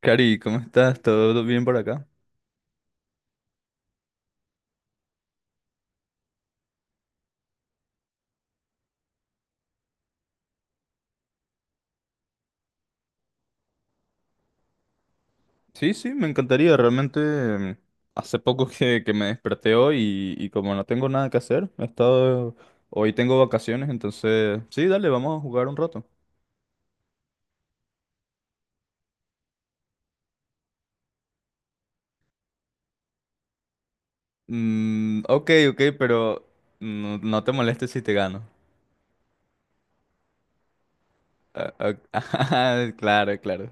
Cari, ¿cómo estás? ¿Todo bien por acá? Sí, sí, me encantaría. Realmente hace poco que me desperté hoy y como no tengo nada que hacer, he estado... Hoy tengo vacaciones, entonces... Sí, dale, vamos a jugar un rato. Mm, ok, ok, pero no, no te molestes si te gano. Ah, ah, claro, claro.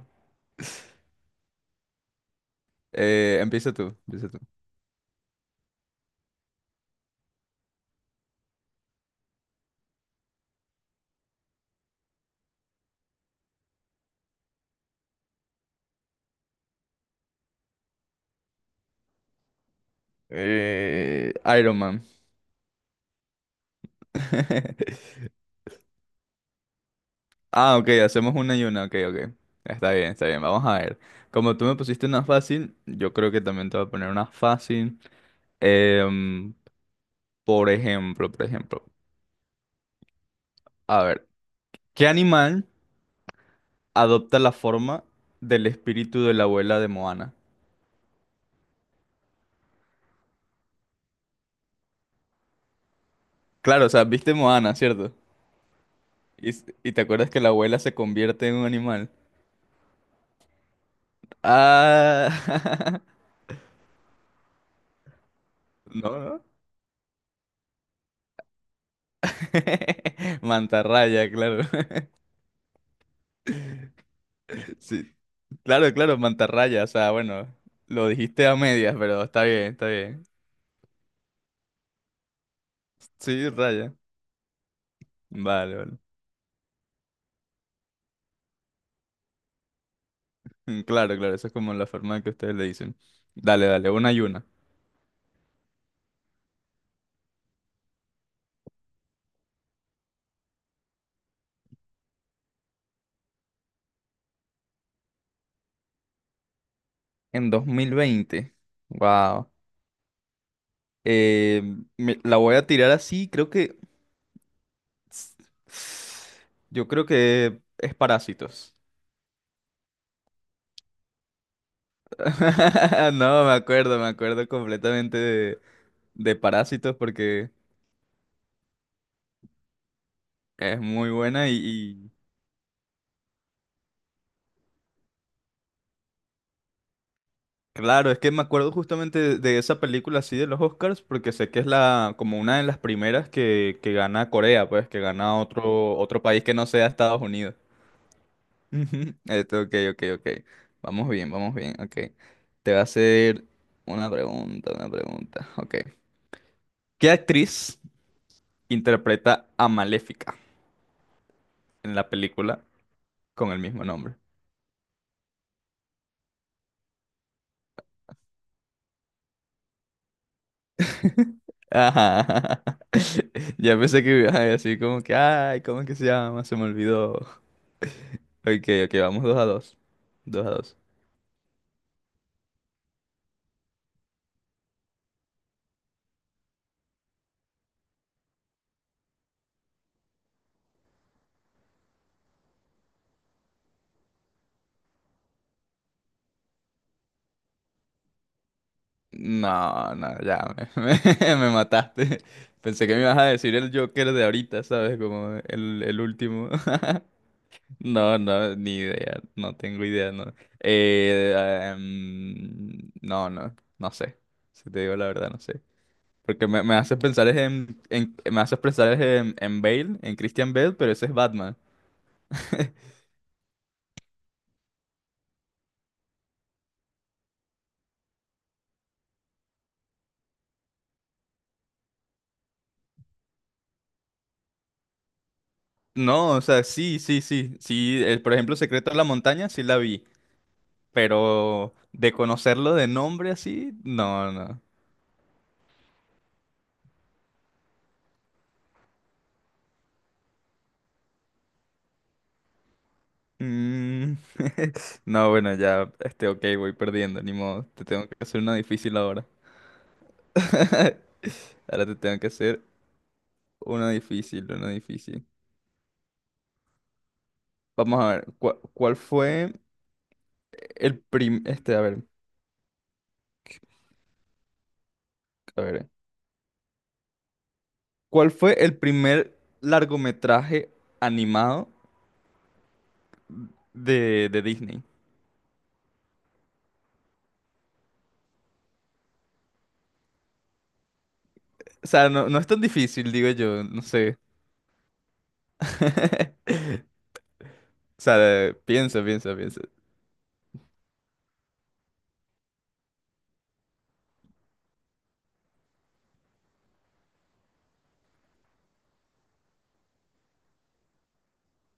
Empieza tú, empieza tú. Eh, Iron Man. Ah, ok, hacemos una y una, ok, ok. Está bien, vamos a ver. Como tú me pusiste una fácil, yo creo que también te voy a poner una fácil. Em, por ejemplo, a ver, ¿qué animal adopta la forma del espíritu de la abuela de Moana? Claro, o sea, viste Moana, ¿cierto? Y, y te acuerdas que la abuela se convierte en un animal. Ah, no, no. Mantarraya, claro. Sí. Claro, claro, mantarraya. O sea, bueno, lo dijiste a medias, pero está bien, está bien. Sí, raya. Vale, vale. Claro, claro, eso es como la forma que ustedes le dicen. Dale, dale, una y una. En 2020, wow, la voy a tirar así, creo que. Yo creo que es parásitos. No, me acuerdo completamente de parásitos porque es muy buena y, claro, es que me acuerdo justamente de esa película así de los Oscars, porque sé que es la, como una de las primeras que gana Corea, pues, que gana otro país que no sea Estados Unidos. Ujú. Esto, ok, ok, ok. Vamos bien, ok. Te voy a hacer una pregunta, ok. ¿Qué actriz interpreta a Maléfica en la película con el mismo nombre? Ajá. Ya pensé que iba a decir como que, ay, ¿cómo es que se llama? Se me olvidó. Ok, ok, vamos dos a dos. Dos a dos. No, no, ya me, me mataste. Pensé que me ibas a decir el Joker de ahorita, ¿sabes? Como el último. No, no, ni idea. No tengo idea, no. Eh, no, no, no sé. Si te digo la verdad, no sé. Porque me haces pensar es en, me haces pensar es en Bale, en Christian Bale, pero ese es Batman. No, o sea, sí, sí, sí. Sí, por ejemplo, Secreto de la Montaña, sí la vi. Pero de conocerlo de nombre así, no, no. Mm, no, bueno, ya, este, ok, voy perdiendo, ni modo. Te tengo que hacer una difícil ahora. Ahora te tengo que hacer una difícil, una difícil. Vamos a ver, ¿cuál fue el a ver, ¿cuál fue el primer largometraje animado de Disney? O sea, no, no es tan difícil, digo yo, no sé. O sea, piensa, piensa, piensa.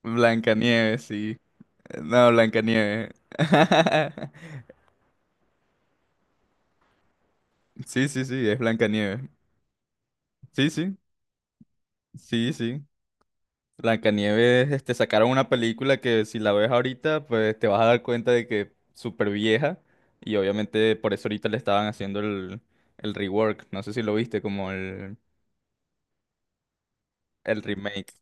Blancanieves, sí. No, Blancanieves. Sí, sí, sí, es Blancanieves. Sí, sí, sí, sí. Blancanieves, este, sacaron una película que si la ves ahorita, pues te vas a dar cuenta de que es súper vieja. Y obviamente por eso ahorita le estaban haciendo el rework. No sé si lo viste, como el remake.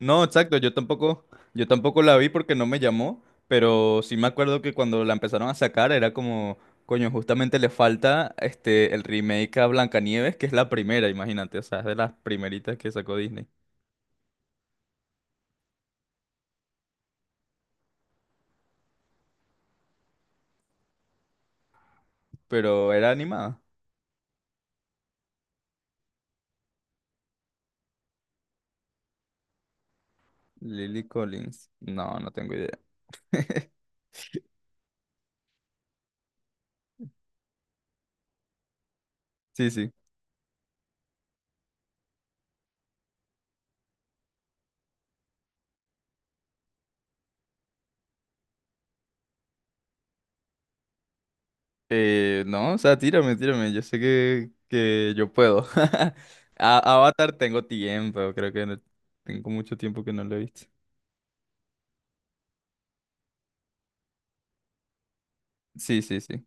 No, exacto, yo tampoco la vi porque no me llamó, pero sí me acuerdo que cuando la empezaron a sacar era como, coño, justamente le falta este el remake a Blancanieves, que es la primera, imagínate, o sea, es de las primeritas que sacó Disney, pero era animada. Lily Collins, no, no tengo idea. Sí, sí. No, o sea, tírame, tírame, yo sé que yo puedo. A Avatar tengo tiempo, creo que tengo mucho tiempo que no lo he visto. Sí, sí, sí.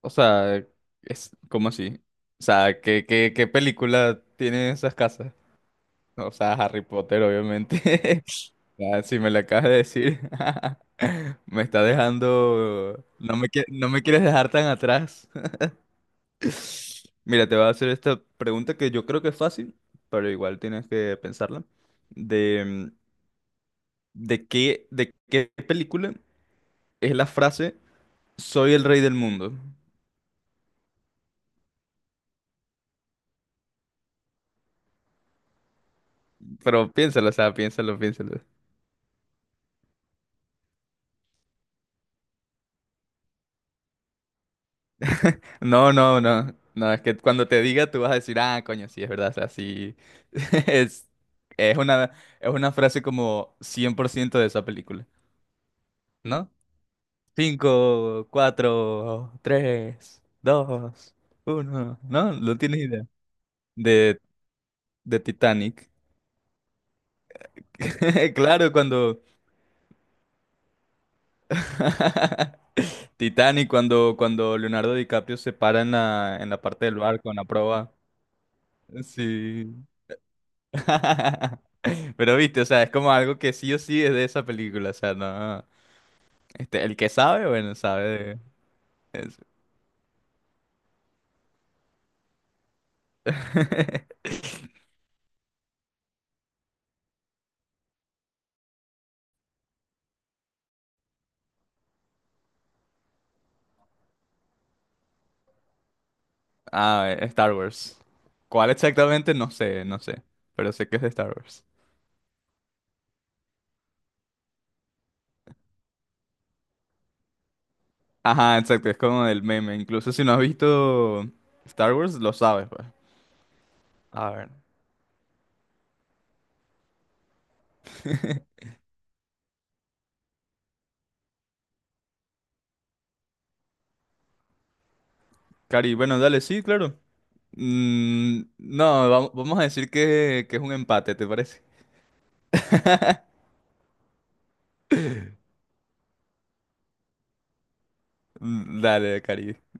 O sea, es, ¿cómo así? O sea, ¿qué, qué película tiene esas casas? O sea, Harry Potter, obviamente. Ya, si me la acabas de decir, me está dejando... No me, no me quieres dejar tan atrás. Mira, te voy a hacer esta pregunta que yo creo que es fácil, pero igual tienes que pensarla. De, de qué película es la frase Soy el rey del mundo. Pero piénsalo, o sea, piénsalo, piénsalo. No, no, no. No, es que cuando te diga tú vas a decir, ah, coño, sí, es verdad. O sea, sí. Es, es una, es una frase como 100% de esa película, ¿no? Cinco, cuatro, tres, dos, uno. No, no tienes idea. De, de Titanic. Claro, cuando. Titanic, cuando, cuando Leonardo DiCaprio se para en la parte del barco, en la proa. Sí. Pero viste, o sea, es como algo que sí o sí es de esa película, o sea, no. Este, el que sabe, bueno, sabe de... Star Wars. ¿Cuál exactamente? No sé, no sé, pero sé que es de Star Wars. Ajá, exacto, es como del meme, incluso si no has visto Star Wars, lo sabes, pues. A ver. Cari, bueno, dale, sí, claro. Mm, no, vamos a decir que es un empate, ¿te parece? Mm, dale, Cari.